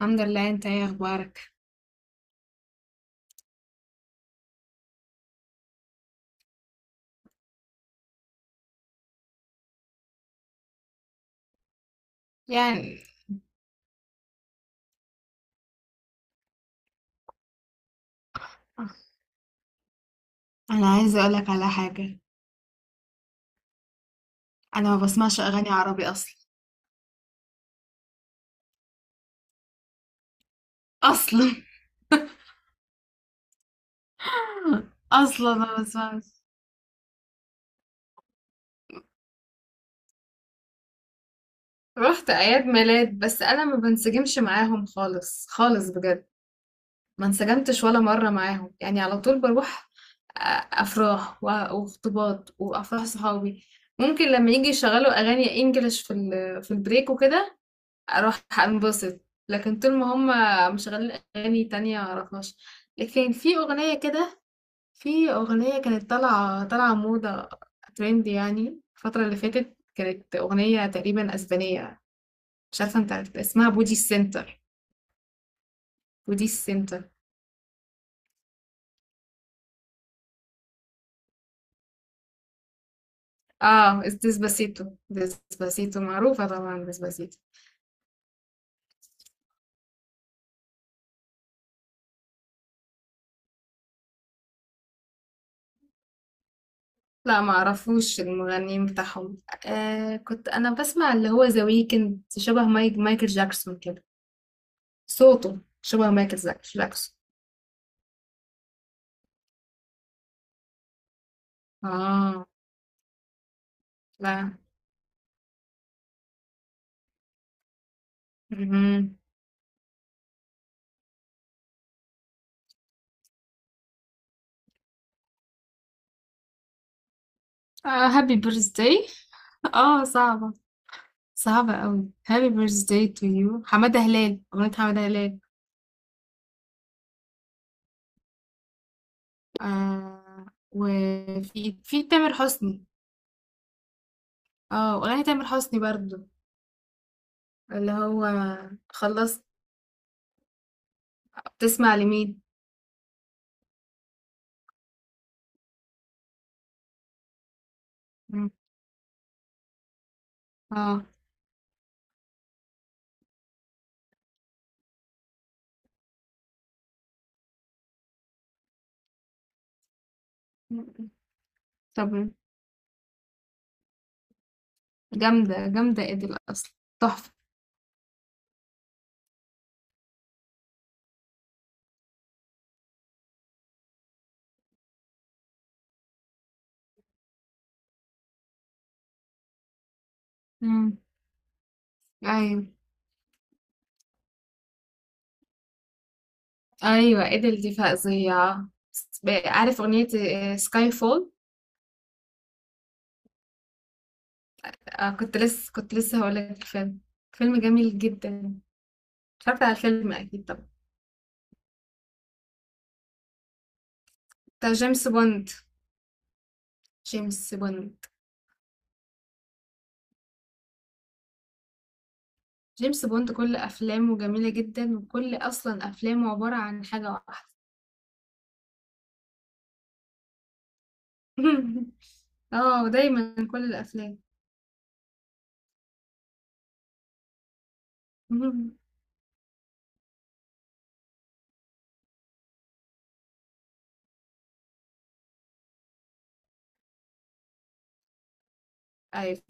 الحمد لله. انت ايه اخبارك؟ يعني، انا عايزه اقولك على حاجه. انا ما بسمعش اغاني عربي اصلا. اصلا اصلا ما بسمعش. رحت اعياد ميلاد، بس انا ما بنسجمش معاهم خالص خالص بجد. ما انسجمتش ولا مره معاهم، يعني على طول بروح. أ- افراح وخطوبات وافراح صحابي. ممكن لما يجي يشغلوا اغاني انجلش في البريك وكده اروح انبسط، لكن طول ما هم مشغلين اغاني تانية معرفهاش. لكن في اغنية كده، في اغنية كانت طالعة موضة، ترند يعني. الفترة اللي فاتت كانت اغنية تقريبا اسبانية، مش عارفة، انت عارف اسمها بودي سنتر؟ بودي سنتر. اه، ديسباسيتو. ديسباسيتو معروفة طبعا، ديسباسيتو. لا، ما اعرفوش المغنيين بتاعهم. آه، كنت انا بسمع اللي هو ذا ويكند، شبه مايكل جاكسون كده. صوته شبه مايكل جاكسون. اه. لا. مهم. آه، هابي بيرثداي. اه، صعبة. صعبة قوي. هابي بيرثداي تو يو. حمادة هلال. أغنية حمادة هلال. آه. وفي تامر حسني. اه، أغنية تامر حسني برضو. اللي هو خلصت. بتسمع لمين؟ مم. اه. طب. جامدة جامدة، ادل أصلا تحفة. مم. أيوة. ايوه، ادل دي فظيعه. عارف اغنيه سكاي فول؟ كنت لسه هقول لك. الفيلم فيلم جميل جدا. اتفرجت على الفيلم اكيد طبعا. بتاع جيمس بوند. جيمس بوند جيمس بوند كل افلامه جميله جدا، وكل اصلا افلامه عباره عن حاجه واحده. اه، دايما كل الافلام. ايوه.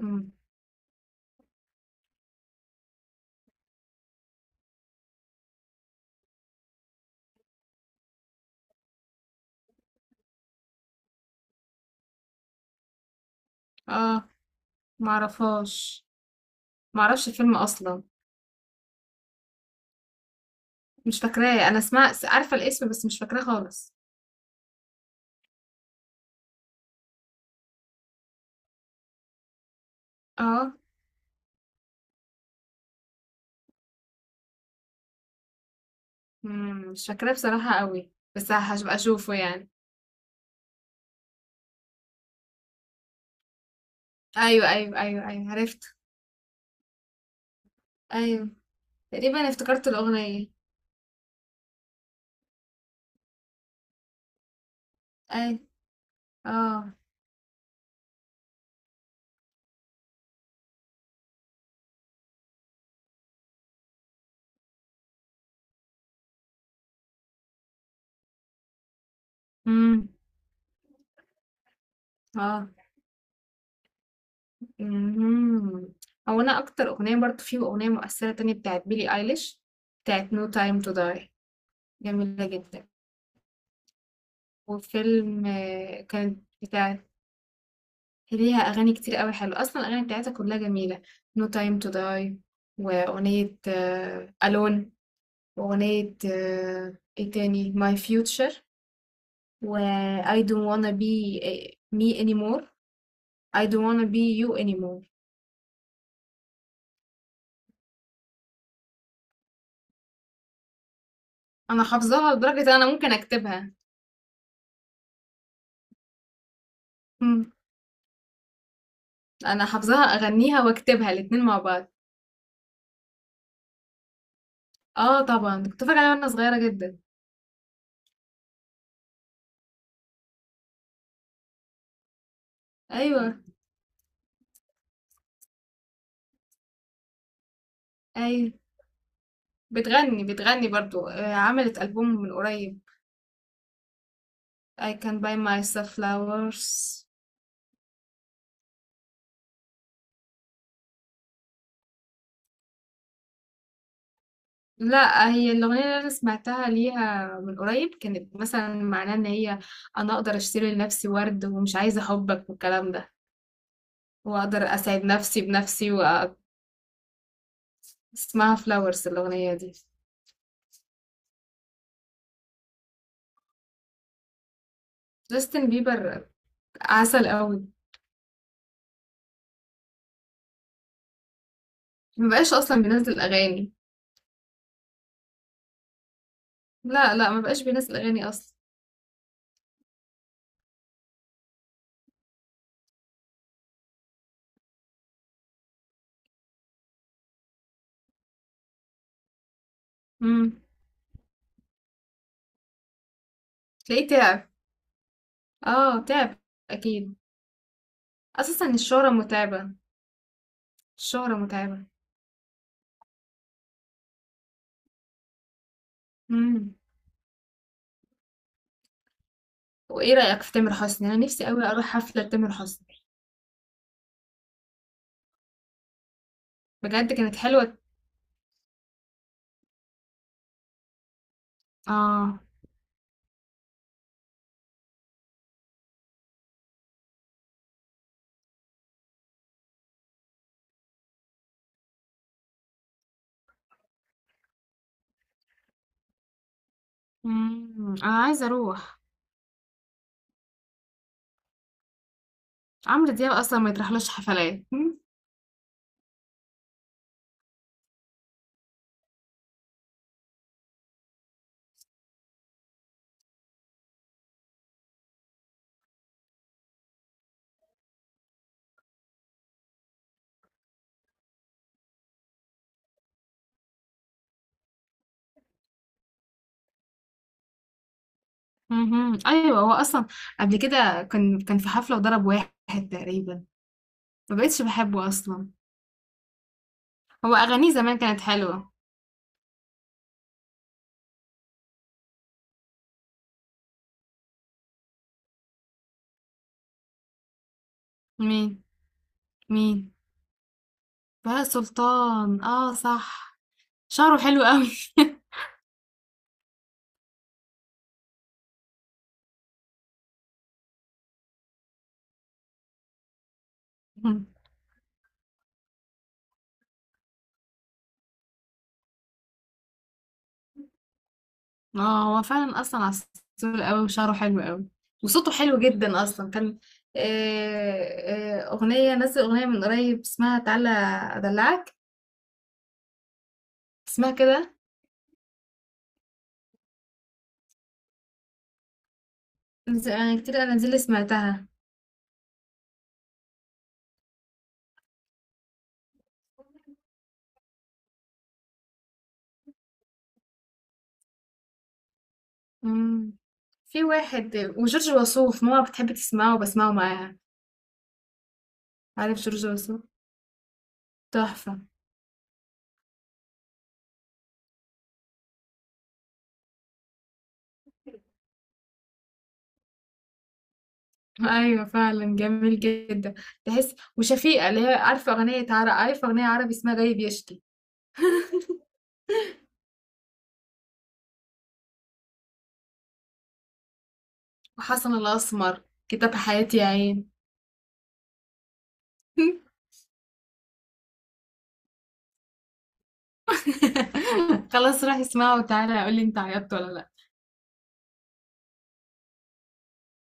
أمم. اه، معرفهاش. معرفش الفيلم اصلا. مش فاكراه، انا سمعت عارفه الاسم بس مش فاكراه خالص. اه. امم. مش فاكراه بصراحة قوي، بس هبقى اشوفه يعني. ايوه ايوه ايوه ايوه، عرفت. ايوه، تقريبا افتكرت الأغنية. ايوه. اه. امم. اه. امم. هو انا اكتر أغنية برضو، في أغنية مؤثرة تانية بتاعت بيلي ايليش، بتاعت نو تايم تو داي، جميلة جدا. وفيلم كانت بتاعت. ليها اغاني كتير قوي حلوة، اصلا الاغاني بتاعتها كلها جميلة. نو تايم تو داي، واغنية الون، وأغنية ايه تاني، My Future، و I don't wanna be me anymore. I don't wanna be you anymore. أنا حافظاها لدرجة إن أنا ممكن أكتبها. مم. أنا حافظاها، أغنيها وأكتبها الاتنين مع بعض. اه طبعا، كنت فاكرة عليها وأنا صغيرة جدا. أيوة. أيوة، بتغني برضو عملت ألبوم من قريب، I can buy myself flowers. لأ، هي الأغنية اللي أنا سمعتها ليها من قريب كانت مثلًا معناها إن هي، أنا أقدر أشتري لنفسي ورد ومش عايزة حُبّك والكلام ده، وأقدر أسعد نفسي بنفسي وأ. اسمها flowers الأغنية دي. جاستن بيبر عسل أوي، ما بقاش أصلًا بينزّل أغاني. لأ، لأ، ما بقاش بينزّل أغاني أصلًا. إمم، تلاقيه تعب. آه، تعب أكيد. أساسًا الشهرة متعبة. الشهرة متعبة. إمم، وإيه رأيك في تامر حسني؟ أنا نفسي أوي أروح حفلة لتامر حسني. بجد كانت حلوة؟ آه. إمم. أنا عايزة أروح. عمرو دياب أصلًا ما يتراحلوش حفلات. اهم. أيوه، هو أصلًا قبل كده كان في حفلة وضرب واحد تقريبًا، ما بقيتش باحبه أصلًا. هو أغانيه زمان كانت حلوة. مين؟ مين؟ بهاء سلطان، آه صح. شعره حلو أوي. آه، هو فعلًا أصلًا عسول أوي، وشعره حلو أوي وصوته حلو جدًا أصلًا. كان آآ، أغنية، نزّل أغنية من قريب اسمها تعالَ أدلّعك. اسمها كده؟ أنا كتير الأنازيل اللي سمعتها. مم. في واحد وجورج وسوف، ماما بتحب تسمعه وبسمعه معاها. عارف جورج وسوف؟ تحفة. أيوة فعلا جميل جدا. تحس وشفيقة اللي هي. عارفة أغنية عربي اسمها جاي بيشتي؟ وحسن الأسمر، كتاب حياتي يا عين. خلاص، روح اسمعه وتعالى قولي انت عيطت ولا لأ.